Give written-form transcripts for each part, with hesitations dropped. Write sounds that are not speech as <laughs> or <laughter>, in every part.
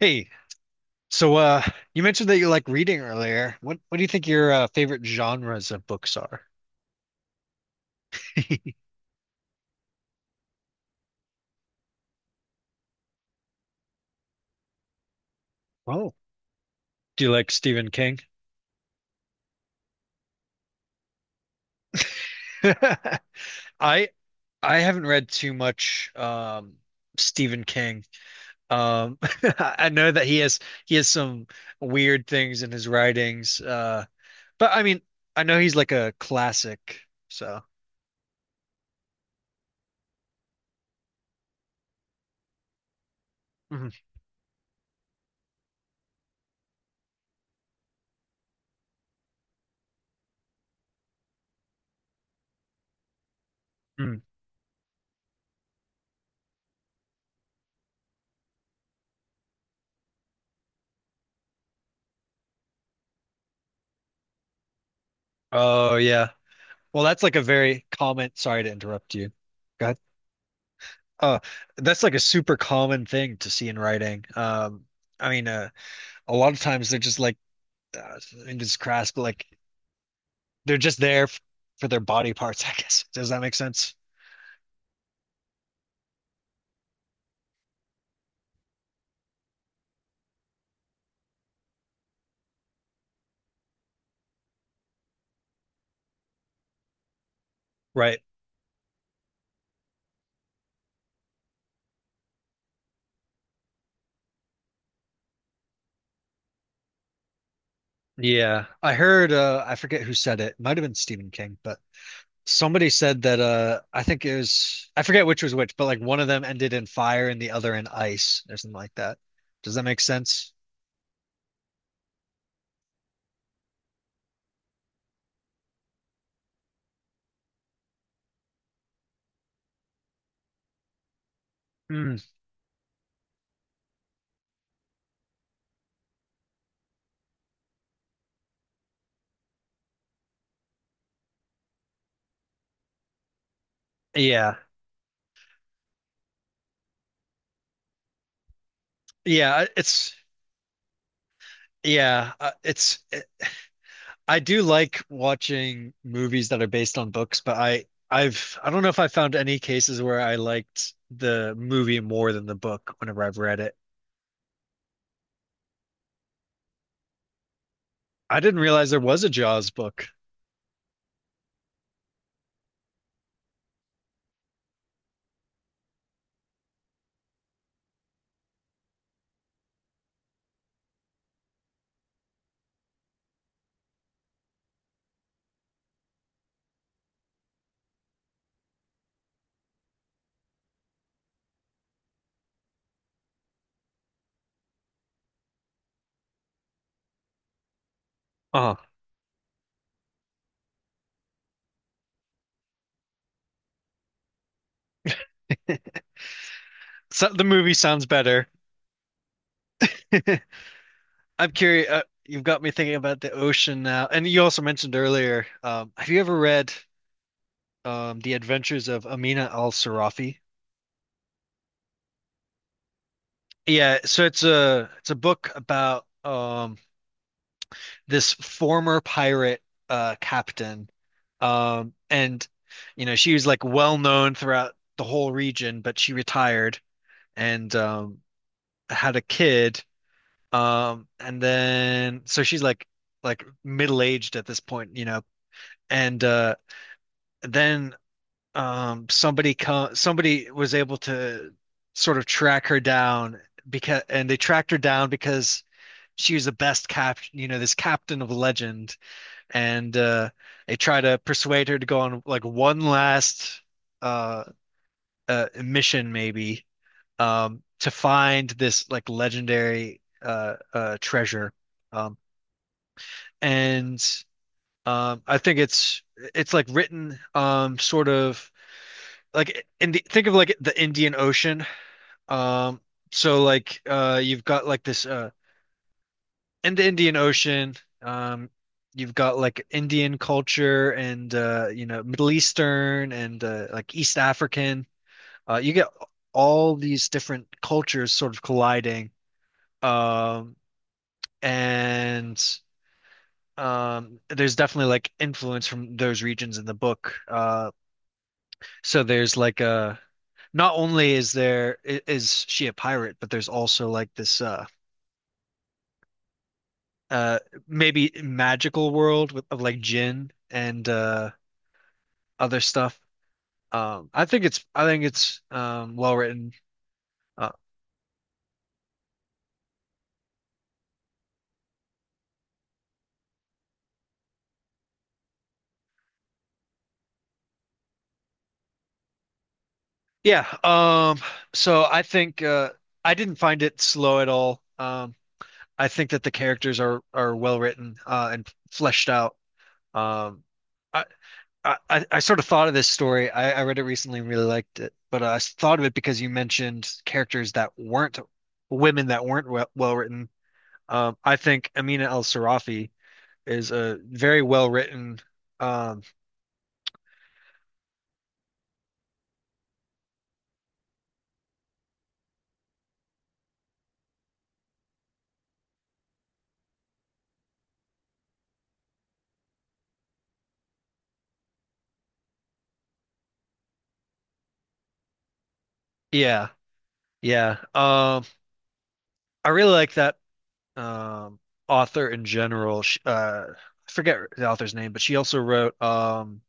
Hey, so you mentioned that you like reading earlier. What do you think your favorite genres of books are? <laughs> Oh, do you like Stephen King? <laughs> I I haven't read too much Stephen King. Um <laughs> I know that he has some weird things in his writings. But I mean, I know he's like a classic, so. Mhm. Mm. Oh yeah. Well, that's like a very common, sorry to interrupt you. Go ahead. Uh, that's like a super common thing to see in writing. I mean, a lot of times they're just like, uh, and it's crass, but like they're just there f for their body parts, <laughs> I guess. Does that make sense? Right. Yeah. I heard, I forget who said it. It might have been Stephen King, but somebody said that, I think it was, I forget which was which, but like one of them ended in fire and the other in ice or something like that. Does that make sense? Mm. Yeah. Yeah. It's, yeah. I do like watching movies that are based on books, but I don't know if I found any cases where I liked the movie more than the book whenever I've read it. I didn't realize there was a Jaws book. Oh, so the movie sounds better. <laughs> I'm curious. You've got me thinking about the ocean now, and you also mentioned earlier. Have you ever read The Adventures of Amina al-Sarafi? Yeah, so it's a book about this former pirate captain, and you know she was like well known throughout the whole region, but she retired and had a kid, and then so she's like middle aged at this point, and then somebody was able to sort of track her down, because and they tracked her down because she was the best cap, you know, this captain of legend, and they try to persuade her to go on like one last uh, mission, maybe, to find this like legendary treasure. Um, and I think it's like written sort of like in the think of like the Indian Ocean. Um, so like you've got like this in the Indian Ocean, um, you've got like Indian culture and Middle Eastern and like East African. You get all these different cultures sort of colliding. Um, and there's definitely like influence from those regions in the book. So there's like a, not only is there is she a pirate, but there's also like this uh maybe magical world with of like jinn and other stuff. I think it's well written. Uh, yeah. So I think I didn't find it slow at all. I think that the characters are well written and fleshed out. Um, I, I sort of thought of this story. I read it recently and really liked it, but I thought of it because you mentioned characters that weren't women, that weren't well written. I think Amina El Sarafi is a very well written. Um, yeah, yeah. I really like that um author in general. Sh I forget the author's name, but she also wrote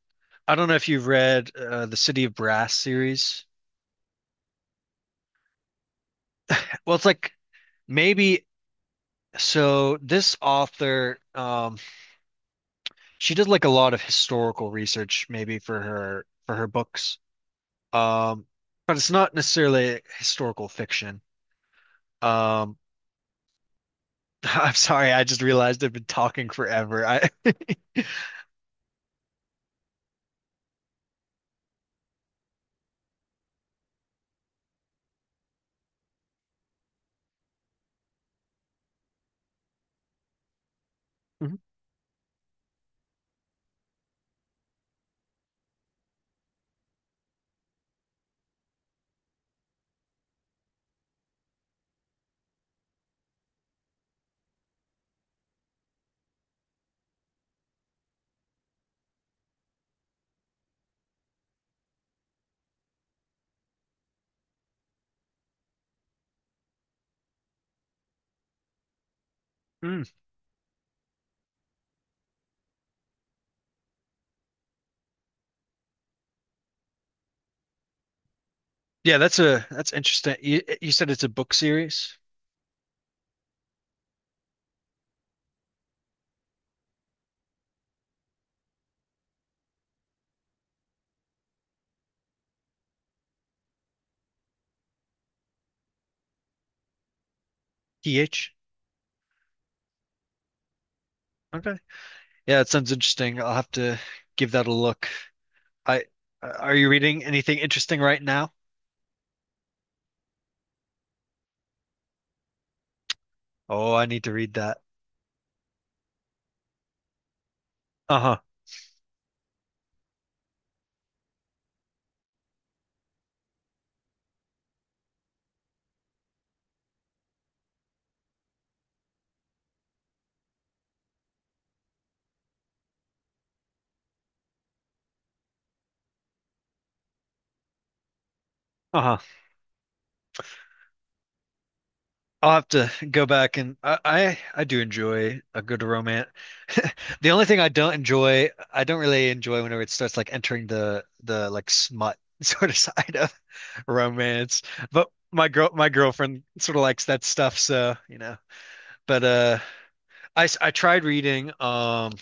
I don't know if you've read the City of Brass series. Well, it's like maybe so this author she did like a lot of historical research maybe for her books. Um, but it's not necessarily historical fiction. Um, <laughs> I'm sorry, I just realized I've been talking forever. I <laughs> Yeah, that's interesting. You said it's a book series? TH? Okay. Yeah, that sounds interesting. I'll have to give that a look. I Are you reading anything interesting right now? Oh, I need to read that. Uh-huh. Uh-huh. I'll have to go back, and I do enjoy a good romance. The only thing I don't enjoy, I don't really enjoy whenever it starts like entering the like smut <laughs> sort of side of romance. But my girlfriend sort of likes that stuff, so. But I tried reading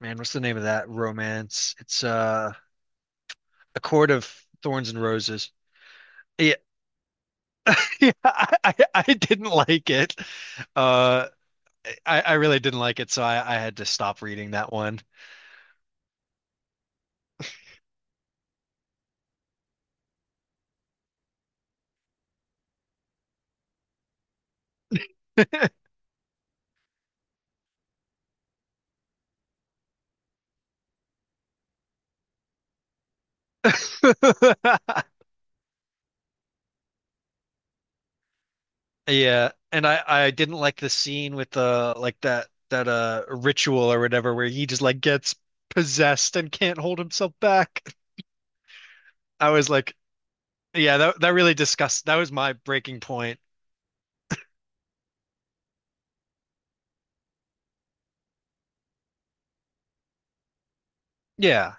man, what's the name of that romance, it's A Court of Thorns and Roses. Yeah, <laughs> yeah, I didn't like it. uh I really didn't like it, so I had to stop reading that one. <laughs> Yeah, and I didn't like the scene with the like that ritual or whatever, where he just like gets possessed and can't hold himself back. <laughs> I was like, yeah, that really disgust, that was my breaking point. Yeah,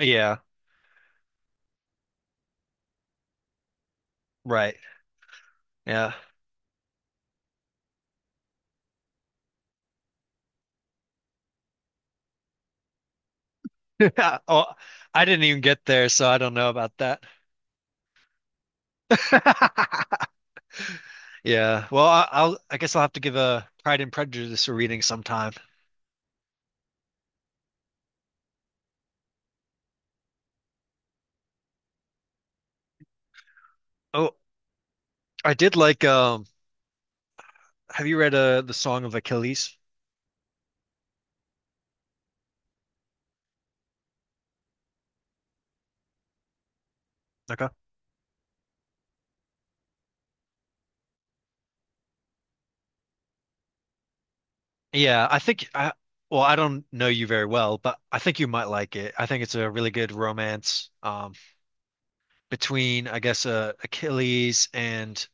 yeah, right. Yeah. <laughs> Oh, I didn't even get there, so I don't know about that. <laughs> Yeah. Well, I guess I'll have to give a Pride and Prejudice a reading sometime. Oh, I did like have you read The Song of Achilles? Okay. Yeah, I think I well, I don't know you very well, but I think you might like it. I think it's a really good romance between I guess Achilles and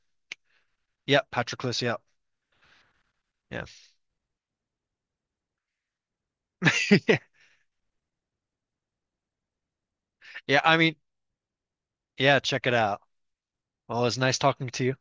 yeah, Patroclus, yeah. Yeah. <laughs> Yeah, I mean, yeah, check it out. Well, it's nice talking to you.